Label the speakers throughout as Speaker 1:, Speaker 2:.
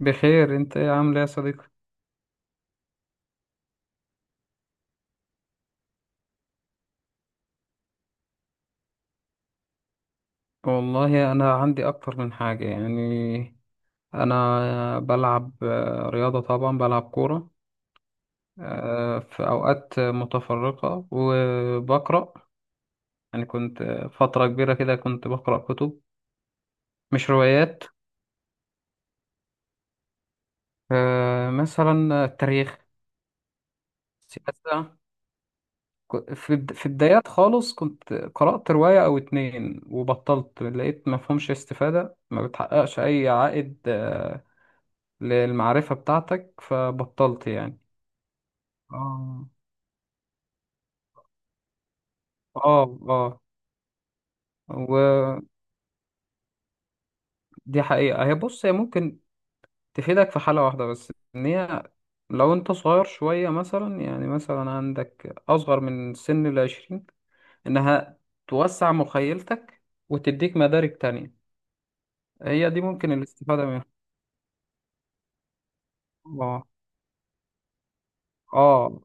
Speaker 1: بخير، انت ايه عامل ايه يا صديقي؟ والله انا عندي اكتر من حاجه يعني. انا بلعب رياضه، طبعا بلعب كوره في اوقات متفرقه، وبقرا. يعني كنت فتره كبيره كده كنت بقرا كتب، مش روايات. مثلا التاريخ، السياسه. في البدايات خالص كنت قرأت رواية أو اتنين وبطلت، لقيت مفهومش استفادة، ما بتحققش أي عائد للمعرفة بتاعتك، فبطلت يعني. اه. اه. اه. ودي حقيقة. هي، بص، هي ممكن تفيدك في حالة واحدة بس، ان هي لو انت صغير شوية مثلا، يعني مثلا عندك اصغر من سن 20، انها توسع مخيلتك وتديك مدارك تانية. هي دي ممكن الاستفادة منها. اه. اه.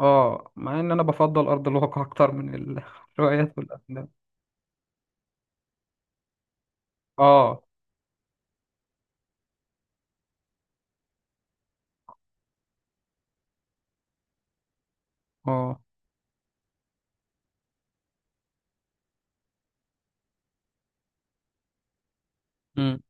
Speaker 1: اه. مع ان انا بفضل ارض الواقع اكتر من الروايات والافلام. اه. اه. مم.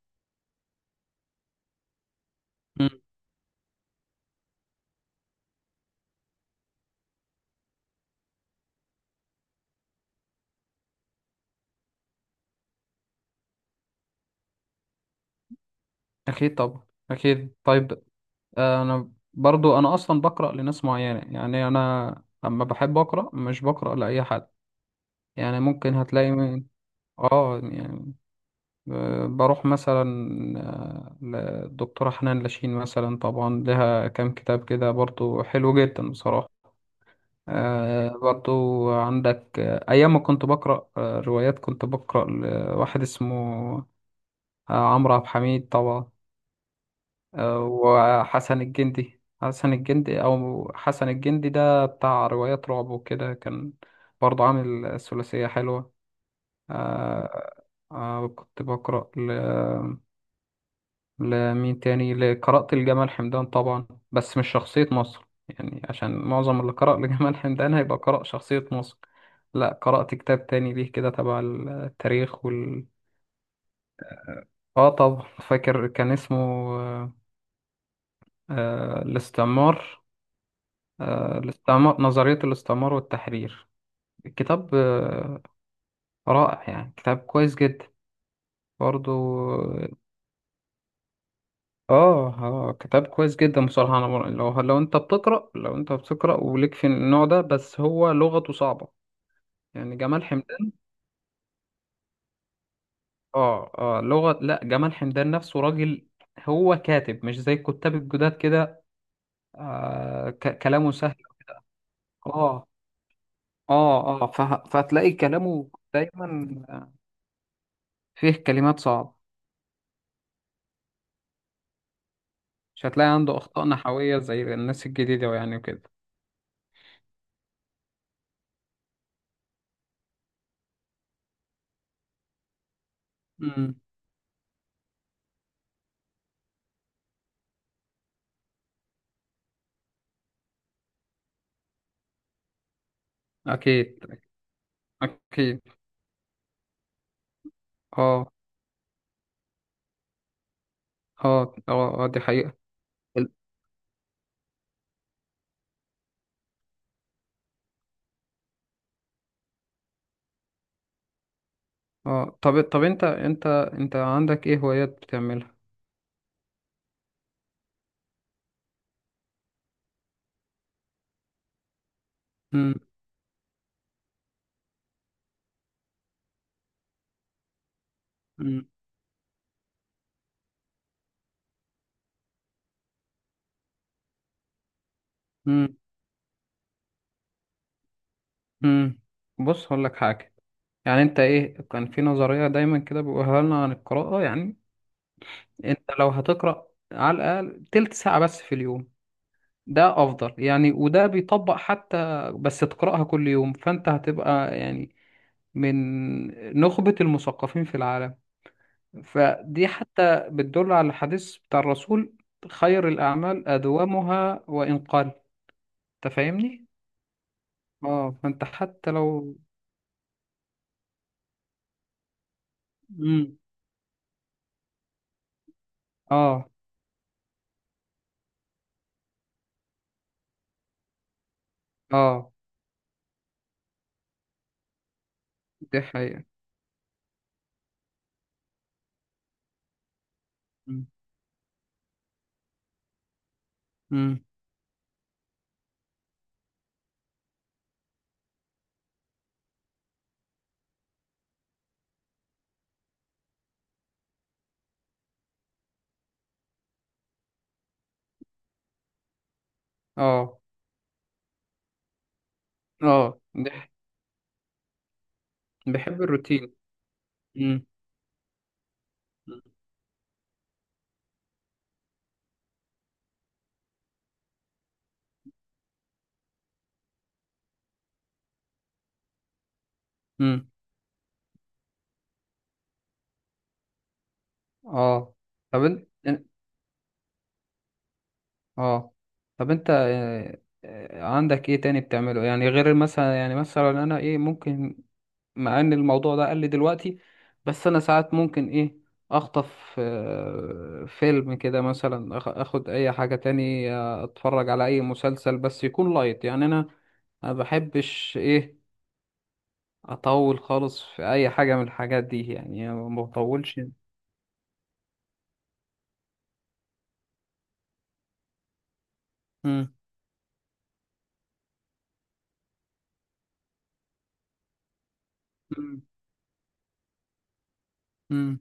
Speaker 1: أكيد طبعا، أكيد. طيب. أنا برضو، أصلا بقرأ لناس معينة، يعني أنا أما بحب أقرأ مش بقرأ لأي حد. يعني ممكن هتلاقي من، يعني، بروح مثلا للدكتورة حنان لاشين مثلا، طبعا لها كام كتاب كده برضو حلو جدا بصراحة. برضو عندك أيام ما كنت بقرأ روايات، كنت بقرأ لواحد اسمه عمرو عبد الحميد طبعا، وحسن الجندي، حسن الجندي، أو حسن الجندي، ده بتاع روايات رعب وكده، كان برضه عامل ثلاثية حلوة. آه كنت بقرأ لمين تاني؟ قرأت لجمال حمدان طبعا، بس مش شخصية مصر، يعني عشان معظم اللي قرأ لجمال حمدان هيبقى قرأ شخصية مصر. لا، قرأت كتاب تاني ليه كده تبع التاريخ وال اه طب فاكر، كان اسمه الاستعمار. الاستعمار، نظرية الاستعمار والتحرير. الكتاب رائع يعني، كتاب كويس جدا برضو. اه. اه. كتاب كويس جدا بصراحة. لو، لو أنت بتقرأ وليك في النوع ده، بس هو لغته صعبة. يعني جمال حمدان اه لغة، لا جمال حمدان نفسه راجل، هو كاتب مش زي الكتاب الجداد كده. كلامه سهل. اه. اه. اه. فهتلاقي كلامه دايما آه، فيه كلمات صعبة، مش هتلاقي عنده أخطاء نحوية زي الناس الجديدة، يعني وكده. امم. أكيد. أكيد. أه. أه. أه. دي حقيقة. ال- أه، طب، أنت عندك إيه هوايات بتعملها؟ امم. امم. امم. امم. بص، هقول لك حاجة. يعني أنت إيه، كان في نظرية دايما كده بيقولها لنا عن القراءة يعني. أنت لو هتقرأ على الأقل تلت ساعة بس في اليوم، ده أفضل يعني، وده بيطبق حتى. بس تقرأها كل يوم، فأنت هتبقى يعني من نخبة المثقفين في العالم. فدي حتى بتدل على الحديث بتاع الرسول، خير الأعمال أدومها وإن قل. أنت فاهمني؟ اه، فأنت حتى لو مم. اه. اه. دي حقيقة. مم. مم. اه. اه. بحب الروتين. مم. مم. اه. طب انت، اه طب انت آه، عندك ايه تاني بتعمله، يعني غير مثلا، يعني مثلا انا ايه ممكن، مع ان الموضوع ده قل دلوقتي، بس انا ساعات ممكن ايه، اخطف فيلم كده مثلا، اخد اي حاجة تاني، اتفرج على اي مسلسل، بس يكون لايت، يعني انا ما بحبش ايه، اطول خالص في اي حاجة من الحاجات دي، يعني ما بطولش. مم. مم. مم.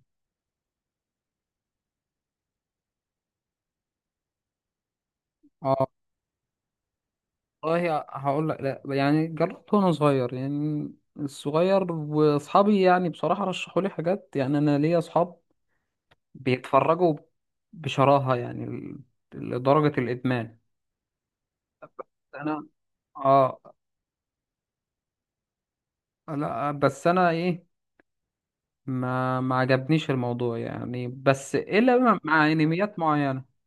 Speaker 1: اه، والله هقول لك، لا يعني جربت وانا صغير، يعني الصغير، واصحابي يعني بصراحة رشحوا لي حاجات، يعني انا ليا اصحاب بيتفرجوا بشراهة، يعني لدرجة الإدمان. أنا آه لا، بس أنا إيه، ما عجبنيش الموضوع، يعني بس إلا مع أنميات معينة.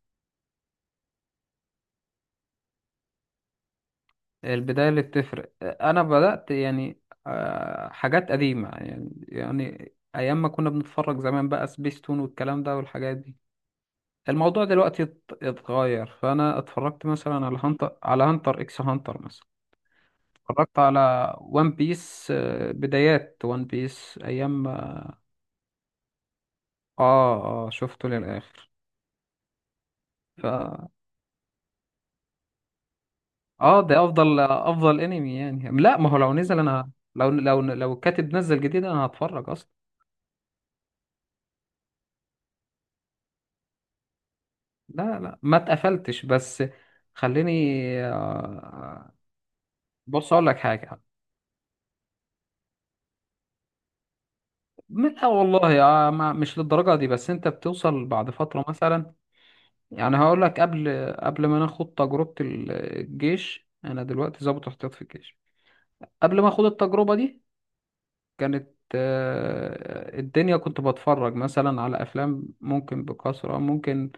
Speaker 1: البداية اللي بتفرق، أنا بدأت يعني حاجات قديمة، يعني أيام ما كنا بنتفرج زمان بقى، سبيستون والكلام ده والحاجات دي. الموضوع دلوقتي اتغير، فأنا اتفرجت مثلا على هانتر، على هانتر إكس هانتر مثلا، اتفرجت على ون بيس، بدايات ون بيس ايام. اه. اه، شفته للاخر. ف اه ده افضل افضل انمي يعني. لا، ما هو لو نزل، انا لو الكاتب نزل جديد انا هتفرج اصلا. لا، لا، ما اتقفلتش، بس خليني آه، بص اقول لك حاجه. من، لا والله، مش للدرجه دي، بس انت بتوصل بعد فتره مثلا. يعني هقول لك، قبل ما ناخد تجربه الجيش، انا دلوقتي ضابط احتياط في الجيش. قبل ما اخد التجربة دي كانت الدنيا، كنت بتفرج مثلا على افلام ممكن بكثرة، ممكن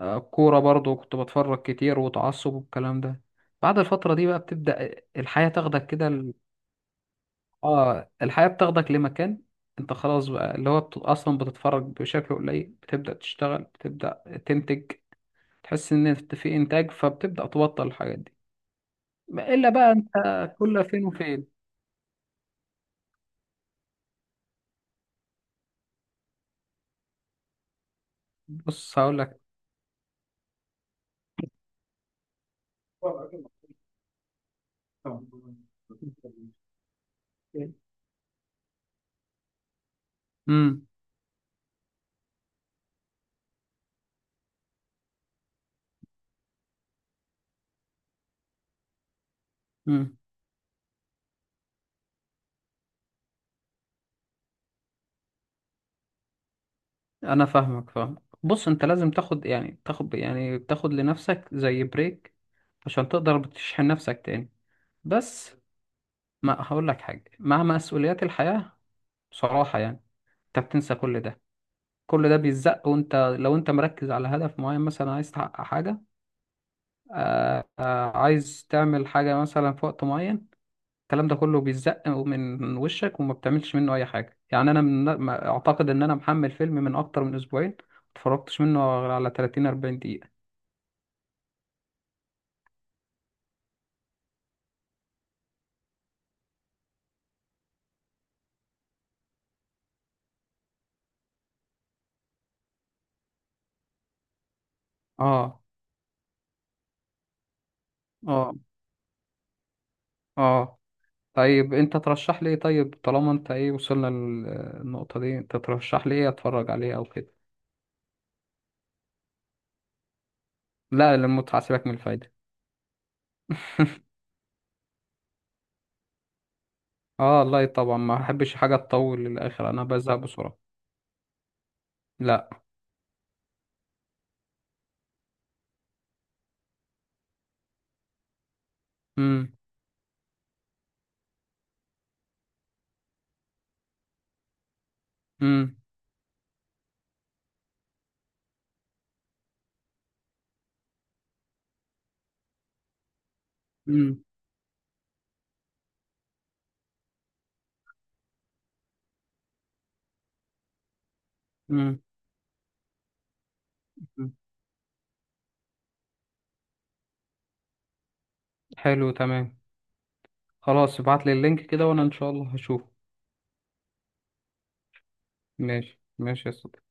Speaker 1: كورة برضو كنت بتفرج كتير وتعصب والكلام ده. بعد الفترة دي بقى، بتبدأ الحياة تاخدك كده اه، الحياة بتاخدك لمكان، انت خلاص بقى، اللي هو اصلا بتتفرج بشكل قليل، بتبدأ تشتغل، بتبدأ تنتج، تحس ان انت في انتاج، فبتبدأ تبطل الحاجات دي. الا بقى انت كل فين وفين. بص هقول لك. طبعا. امم. امم. انا فاهمك، فاهم. بص، انت لازم تاخد لنفسك زي بريك، عشان تقدر تشحن نفسك تاني. بس ما هقول لك حاجه، مع مسؤوليات الحياه بصراحه يعني، انت بتنسى كل ده، كل ده بيتزق. وانت لو انت مركز على هدف معين مثلا، عايز تحقق حاجه، عايز تعمل حاجه مثلا في وقت معين، الكلام ده كله بيتزق من وشك، وما بتعملش منه اي حاجه. يعني انا من... ما- اعتقد ان انا محمل فيلم من اكتر من اسبوعين، ما اتفرجتش منه غير على 30 40 دقيقه. اه. اه. اه. طيب، انت ترشح لي ايه؟ طيب طالما انت ايه، وصلنا للنقطه دي، انت ترشح لي ايه اتفرج عليه او كده؟ لا، للمتعه، سيبك من الفايده. اه، لا طبعا ما احبش حاجه تطول للاخر، انا بزهق بسرعه. لا. امم. امم. امم. امم. حلو، تمام. خلاص، ابعت لي اللينك كده، وانا ان شاء الله هشوفه. ماشي، ماشي يا صديقي.